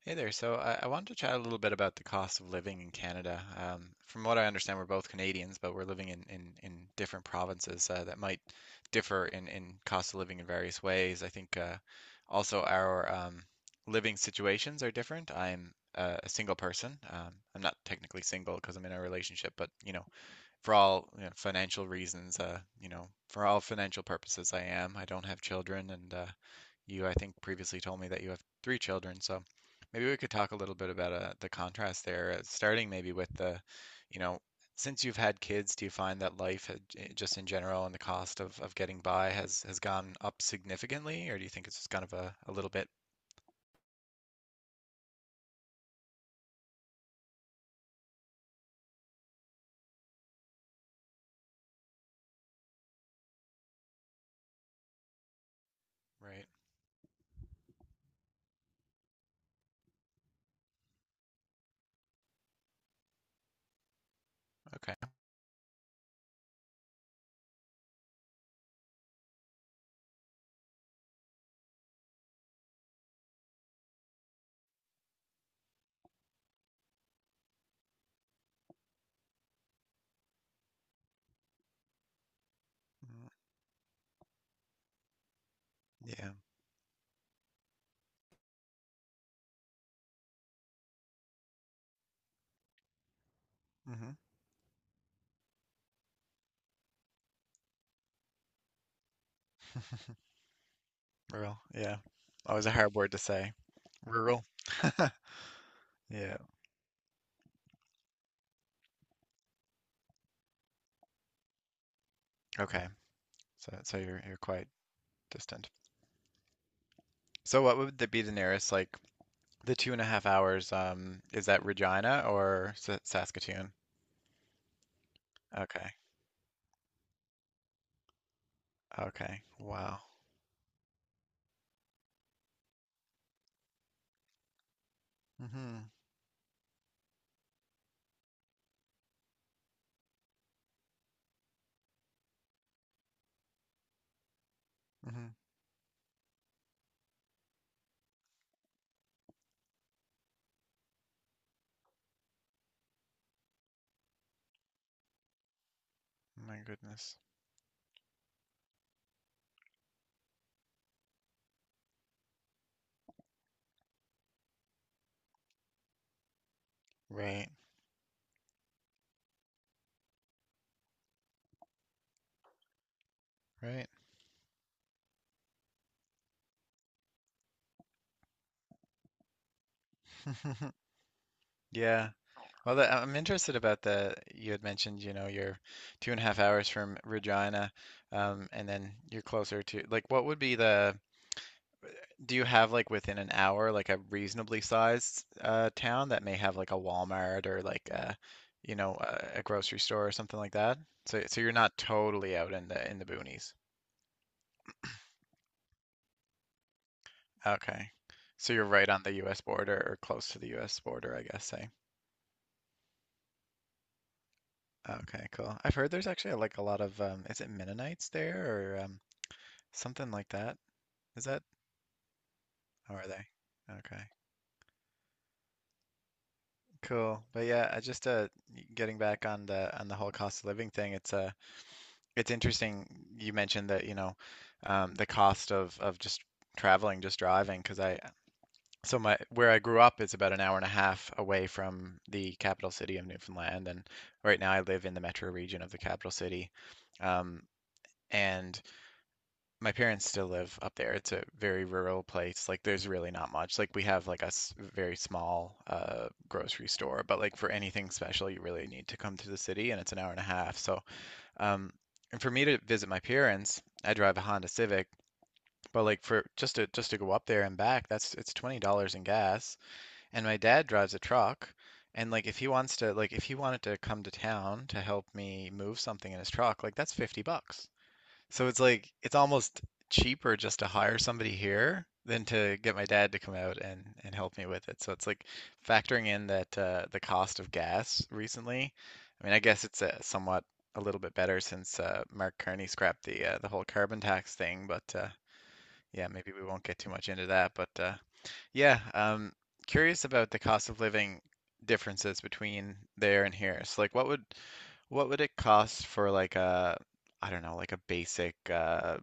Hey there. So I wanted to chat a little bit about the cost of living in Canada. From what I understand, we're both Canadians, but we're living in different provinces that might differ in cost of living in various ways. I think also our living situations are different. I'm a single person. I'm not technically single because I'm in a relationship, but you know, for all you know, financial reasons, for all financial purposes, I am. I don't have children, and you, I think, previously told me that you have three children. So maybe we could talk a little bit about the contrast there, starting maybe with the, you know, since you've had kids, do you find that life, just in general, and the cost of getting by has gone up significantly, or do you think it's just kind of a little bit? Right. Okay. Mm, yeah. Hmm. Rural. Yeah. Always a hard word to say. Rural. Yeah. Okay. So you're quite distant. So what would be the nearest, like the 2.5 hours? Is that Regina or Sa Saskatoon? Okay, okay, wow. Mm-hmm. Mm-hmm. My goodness. Right, right. Yeah. Well, I'm interested about the you had mentioned, you know, you're 2.5 hours from Regina, and then you're closer to like what would be the do you have like within an hour like a reasonably sized town that may have like a Walmart or like a you know a grocery store or something like that? So you're not totally out in the boonies. Okay. So you're right on the US border or close to the US border, I guess, say. Okay, cool. I've heard there's actually like a lot of is it Mennonites there or something like that? Is that how are they? Okay. Cool. But yeah, I just getting back on the whole cost of living thing, it's it's interesting you mentioned that, you know, the cost of just traveling, just driving, because I so my where I grew up is about an hour and a half away from the capital city of Newfoundland, and right now I live in the metro region of the capital city. Um, and My parents still live up there. It's a very rural place. Like there's really not much. Like we have like a very small grocery store, but like for anything special, you really need to come to the city, and it's an hour and a half. So um, and for me to visit my parents, I drive a Honda Civic, but like for just to go up there and back, that's it's $20 in gas. And my dad drives a truck, and like if he wants to like if he wanted to come to town to help me move something in his truck, like that's $50. So it's like it's almost cheaper just to hire somebody here than to get my dad to come out and help me with it. So it's like factoring in that the cost of gas recently. I mean, I guess it's somewhat a little bit better since Mark Carney scrapped the whole carbon tax thing, but yeah, maybe we won't get too much into that. But yeah, um, curious about the cost of living differences between there and here. So like what would it cost for like a I don't know, like a basic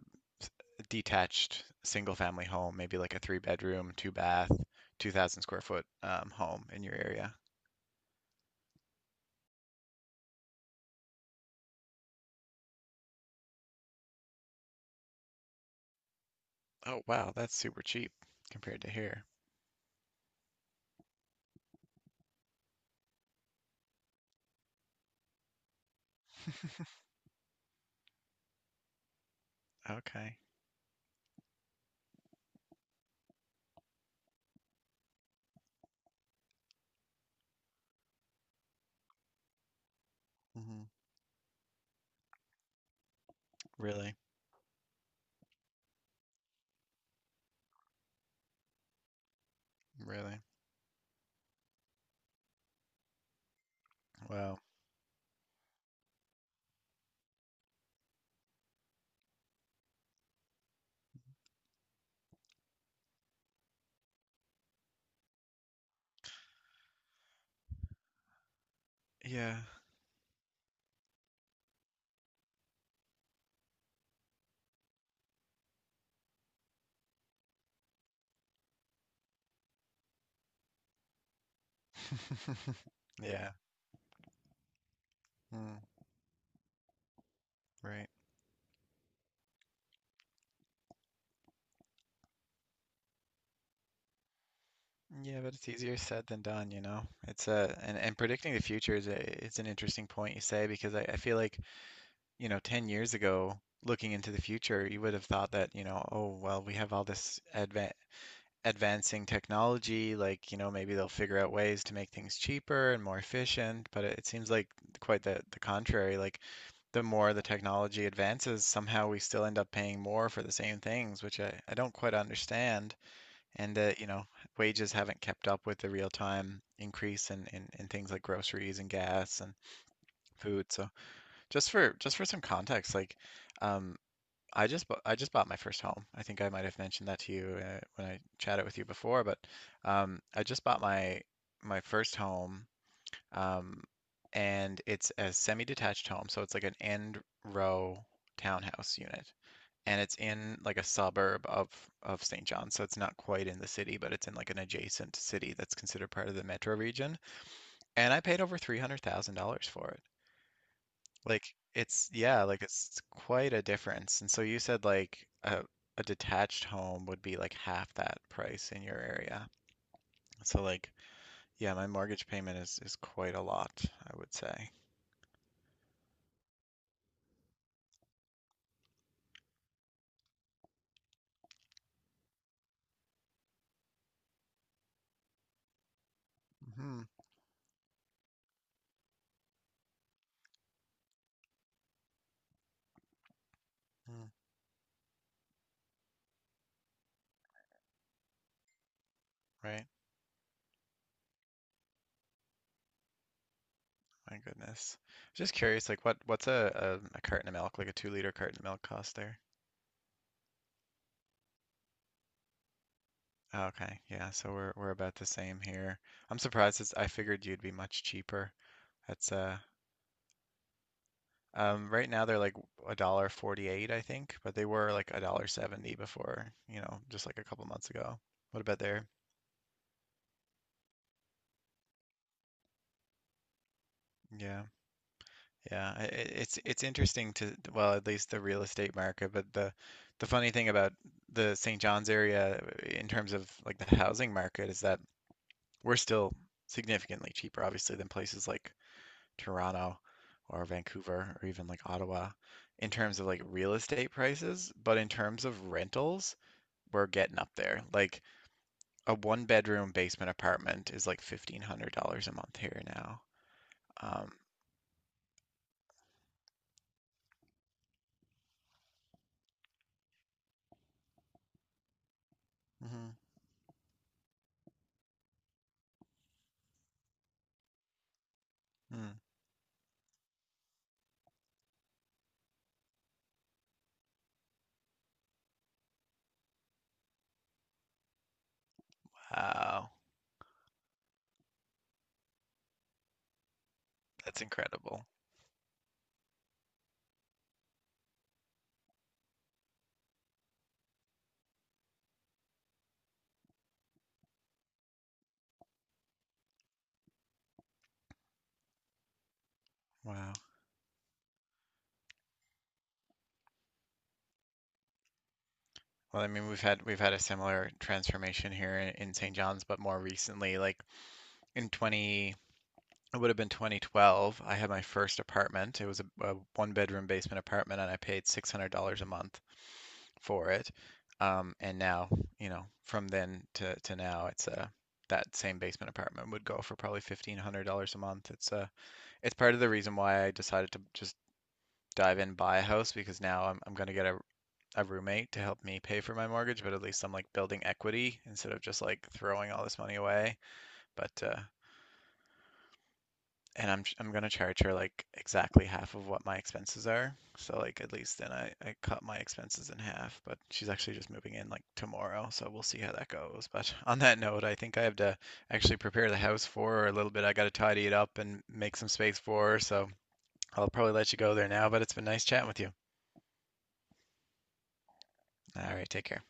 detached single family home, maybe like a three bedroom, two bath, 2000 square foot home in your area? Oh wow, that's super cheap compared to here. Okay. Hmm. Really? Really? Wow. Yeah. Yeah. Mm, right. Yeah, but it's easier said than done, you know. It's and predicting the future is it's an interesting point you say because I feel like, you know, 10 years ago, looking into the future, you would have thought that, you know, oh, well, we have all this advancing technology, like, you know, maybe they'll figure out ways to make things cheaper and more efficient, but it seems like quite the contrary. Like the more the technology advances, somehow we still end up paying more for the same things, which I don't quite understand and that, you know, wages haven't kept up with the real-time increase in things like groceries and gas and food. So just for some context, like um, I just bought my first home. I think I might have mentioned that to you when I chatted with you before, but I just bought my first home, um, and it's a semi-detached home, so it's like an end row townhouse unit and it's in like a suburb of St. John, so it's not quite in the city, but it's in like an adjacent city that's considered part of the metro region. And I paid over $300,000 for it. Like it's yeah, like it's quite a difference. And so you said like a detached home would be like half that price in your area. So like yeah, my mortgage payment is quite a lot, I would say. Hmm. Right. My goodness. Just curious, like what what's a carton of milk, like a 2 liter carton of milk cost there? Okay, yeah, so we're about the same here. I'm surprised it's, I figured you'd be much cheaper. That's uh. Right now they're like a dollar 48, I think, but they were like a dollar 70 before, you know, just like a couple months ago. What about there? Yeah. Yeah, it's interesting to well, at least the real estate market, but the funny thing about the St. John's area in terms of like the housing market is that we're still significantly cheaper, obviously, than places like Toronto or Vancouver or even like Ottawa in terms of like real estate prices, but in terms of rentals, we're getting up there. Like a one bedroom basement apartment is like $1,500 a month here now. Um, mhm, mm. Wow, that's incredible. Wow. Well, I mean, we've had a similar transformation here in St. John's, but more recently, like in 20, it would have been 2012, I had my first apartment. It was a one bedroom basement apartment and I paid $600 a month for it. And now, you know, from then to now, it's that same basement apartment would go for probably $1,500 a month. It's part of the reason why I decided to just dive in, buy a house because now I'm gonna get a roommate to help me pay for my mortgage, but at least I'm like building equity instead of just like throwing all this money away. But and I'm gonna charge her like exactly half of what my expenses are. So like at least then I cut my expenses in half. But she's actually just moving in like tomorrow, so we'll see how that goes. But on that note, I think I have to actually prepare the house for her a little bit. I gotta tidy it up and make some space for her. So I'll probably let you go there now. But it's been nice chatting with you. All right, take care.